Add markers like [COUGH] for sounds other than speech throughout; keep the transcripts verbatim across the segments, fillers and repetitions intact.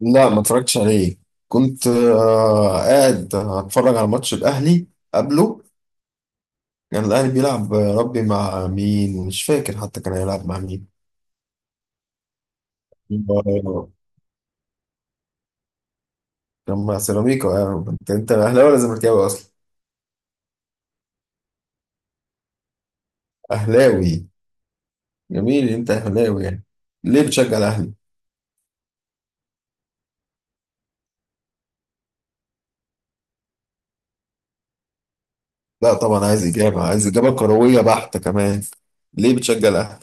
لا ما اتفرجتش عليه. كنت آه قاعد اتفرج على ماتش الاهلي قبله. كان الاهلي بيلعب، آه، ربي مع مين مش فاكر، حتى كان هيلعب مع مين. آه، كان مع سيراميكا، آه، انت انت اهلاوي ولا زملكاوي اصلا؟ اهلاوي. جميل، انت اهلاوي يعني. ليه بتشجع الاهلي؟ لا طبعا عايز اجابه، عايز اجابه كرويه بحته كمان. ليه بتشجع الاهلي؟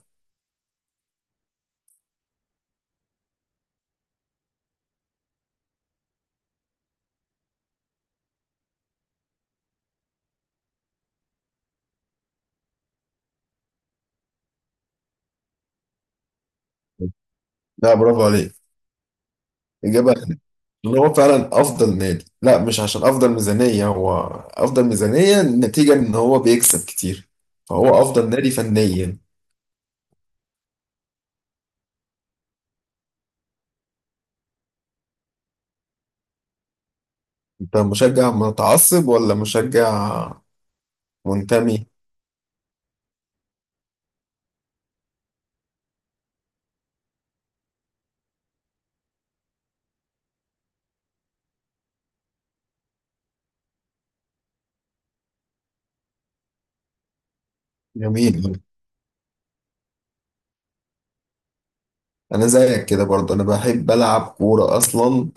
لا، برافو عليك. إجابة ان هو فعلا افضل نادي، لا مش عشان افضل ميزانية هو. افضل ميزانية نتيجة ان هو بيكسب كتير، فهو افضل نادي فنيا. انت مشجع متعصب ولا مشجع منتمي؟ جميل. انا زيك كده برضه، انا بحب العب كورة اصلا،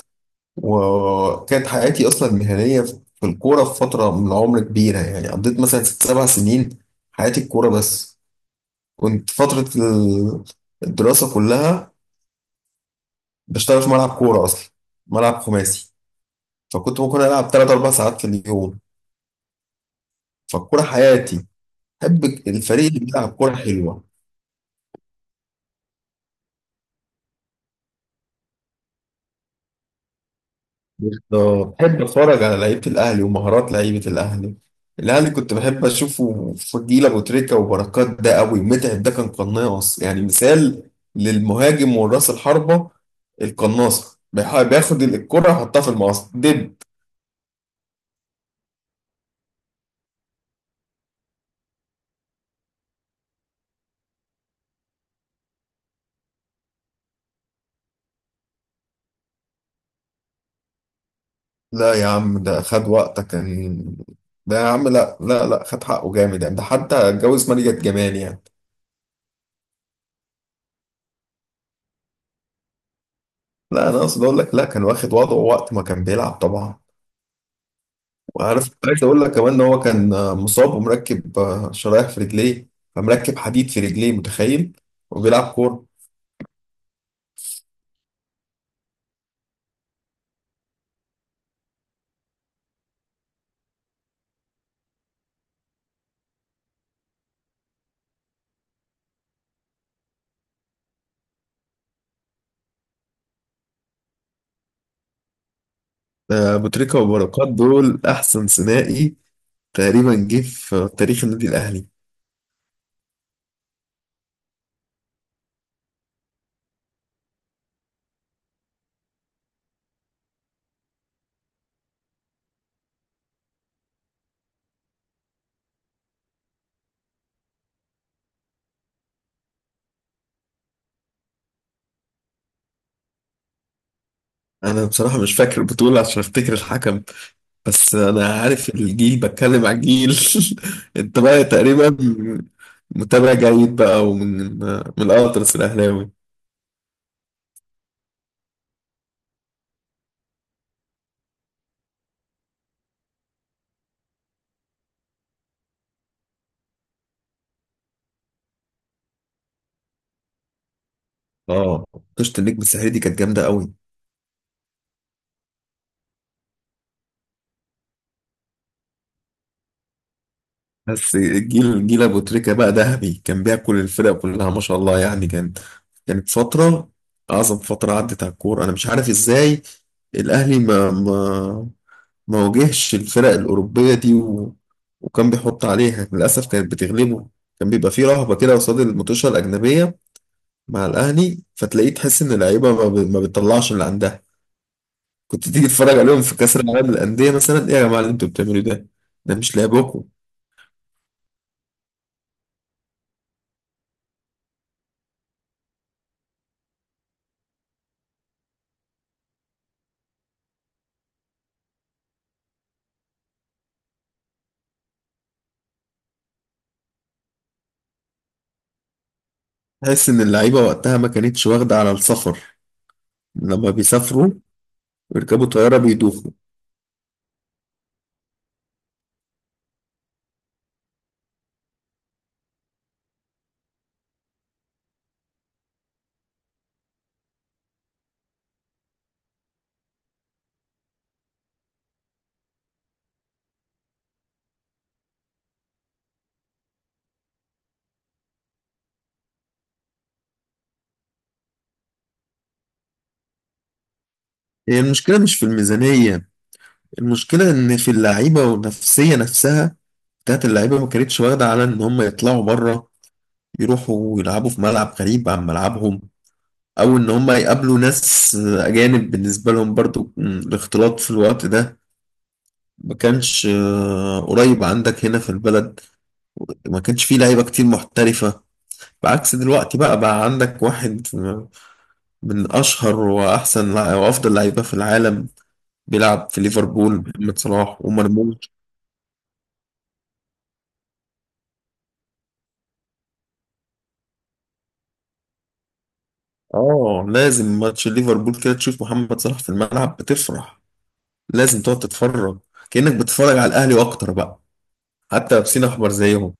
وكانت حياتي اصلا مهنية في الكورة في فترة من العمر كبيرة. يعني قضيت مثلا ست سبع سنين حياتي الكورة بس. كنت فترة ال- الدراسة كلها بشتغل في ملعب كورة أصلا، ملعب خماسي. فكنت ممكن ألعب تلات أربع ساعات في اليوم، فالكورة حياتي. بحب الفريق اللي بيلعب كورة حلوة. بالظبط. بحب أتفرج على لعيبة الأهلي ومهارات لعيبة الأهلي. الأهلي كنت بحب أشوفه فضيل أبو تريكة وبركات، ده قوي. متعب ده كان قناص، يعني مثال للمهاجم والراس الحربة، القناصة، بيح- بياخد الكرة يحطها في المقص دب. لا يا عم ده خد وقتك كان، ده يا عم لا لا لا خد حقه جامد يعني، ده حتى اتجوز مالية جمال يعني. لا انا اقصد اقول لك، لا كان واخد وضعه وقت ما كان بيلعب طبعا. وعارف عايز اقول لك كمان ان هو كان آه، مصاب ومركب آه، شرايح في رجليه، فمركب حديد في رجليه، متخيل؟ وبيلعب كورة. آه، أبو تريكة وبركات دول احسن ثنائي تقريبا جه في تاريخ النادي الاهلي. انا بصراحة مش فاكر البطولة عشان افتكر الحكم، بس انا عارف الجيل، بتكلم على الجيل. [LAUGHS] انت بقى تقريبا متابع جيد بقى ومن من الاطرس الاهلاوي. اه، قشطة. النجم الساحلي دي كانت جامده قوي. بس الجيل جيل ابو تريكه بقى ذهبي، كان بياكل الفرق كلها ما شاء الله، يعني كان، كانت فتره اعظم فتره عدت على الكوره. انا مش عارف ازاي الاهلي ما ما ما واجهش الفرق الأوروبية دي، و... وكان بيحط عليها، للأسف كانت بتغلبه. كان بيبقى فيه رهبة كده قصاد الماتشات الأجنبية مع الأهلي، فتلاقيه تحس إن اللعيبة ما, ب... ما بتطلعش اللي عندها. كنت تيجي تتفرج عليهم في كأس العالم للأندية مثلا، إيه يا جماعة اللي أنتوا بتعملوه ده؟ ده مش لعبكم. تحس إن اللعيبة وقتها ما كانتش واخدة على السفر، لما بيسافروا ويركبوا طيارة بيدوخوا. هي المشكلة مش في الميزانية، المشكلة إن في اللعيبة والنفسية نفسها بتاعت اللعيبة ما كانتش واخدة على إن هم يطلعوا بره، يروحوا يلعبوا في ملعب غريب عن ملعبهم، او ان هم يقابلوا ناس اجانب بالنسبة لهم برضو. م، الاختلاط في الوقت ده ما كانش آه، قريب عندك هنا في البلد، ما كانش فيه لعيبة كتير محترفة، بعكس دلوقتي. بقى بقى عندك واحد من اشهر واحسن لع- وافضل لعيبة في العالم بيلعب في ليفربول، محمد صلاح ومرموش. اه لازم، ماتش ليفربول كده تشوف محمد صلاح في الملعب بتفرح، لازم تقعد تتفرج، كأنك بتتفرج على الاهلي واكتر بقى، حتى لابسين احمر زيهم.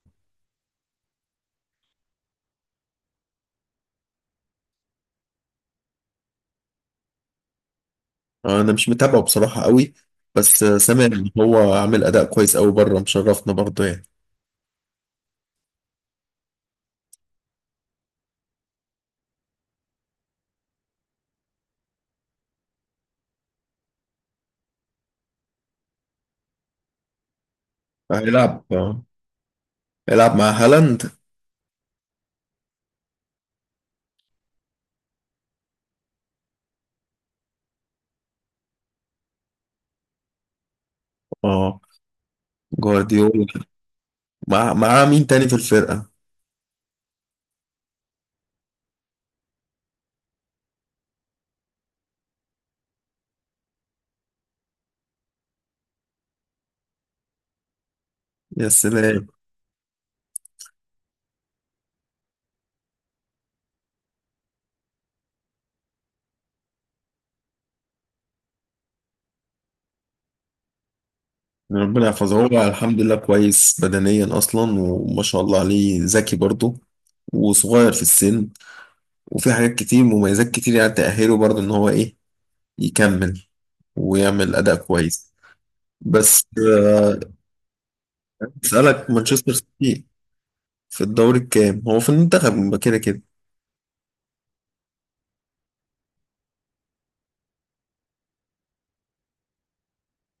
انا مش متابعه بصراحه قوي، بس سامع ان هو عامل اداء كويس قوي بره، مشرفنا برضه يعني. هيلعب، آه، هيلعب مع هالاند. اه. جوارديولا مع مع مين تاني في الفرقه؟ يا سلام. ربنا يحفظه، هو الحمد لله كويس بدنيا اصلا وما شاء الله عليه، ذكي برضه وصغير في السن، وفي حاجات كتير، مميزات كتير يعني تأهله برضه ان هو ايه، يكمل ويعمل اداء كويس. بس آه، اسألك، مانشستر سيتي في الدوري الكام؟ هو في المنتخب ما كده كده.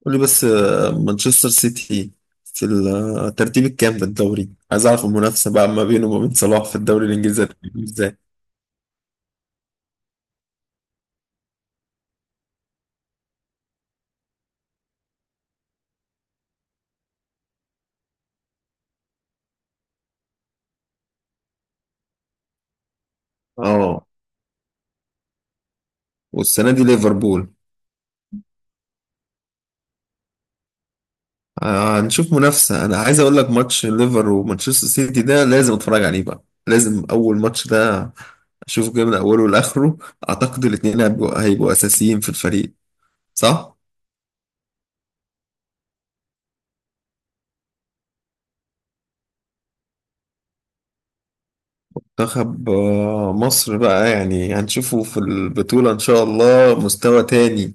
قول لي بس آه، مانشستر سيتي في الترتيب الكام في الدوري؟ عايز اعرف المنافسة بقى ما بينه وما بين صلاح في الدوري الانجليزي هتكون ازاي. اه، والسنة دي ليفربول. آه، هنشوف منافسة. انا عايز اقول لك ماتش ليفر ومانشستر سيتي ده لازم اتفرج عليه بقى، لازم اول ماتش ده اشوفه كده من اوله لاخره. اعتقد الاتنين هيبقوا هيبقوا اساسيين في الفريق، صح؟ منتخب آه، مصر بقى يعني هنشوفه في البطولة إن شاء الله مستوى تاني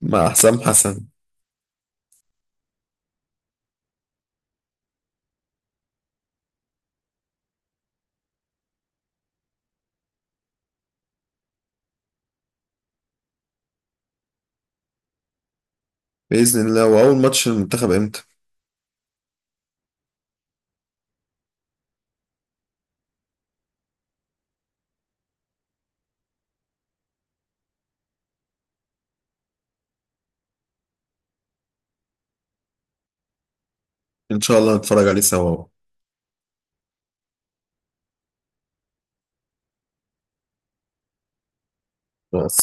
مع حسام حسن. بإذن الله. وأول ماتش المنتخب إمتى؟ إن شاء الله نتفرج عليه سوا مع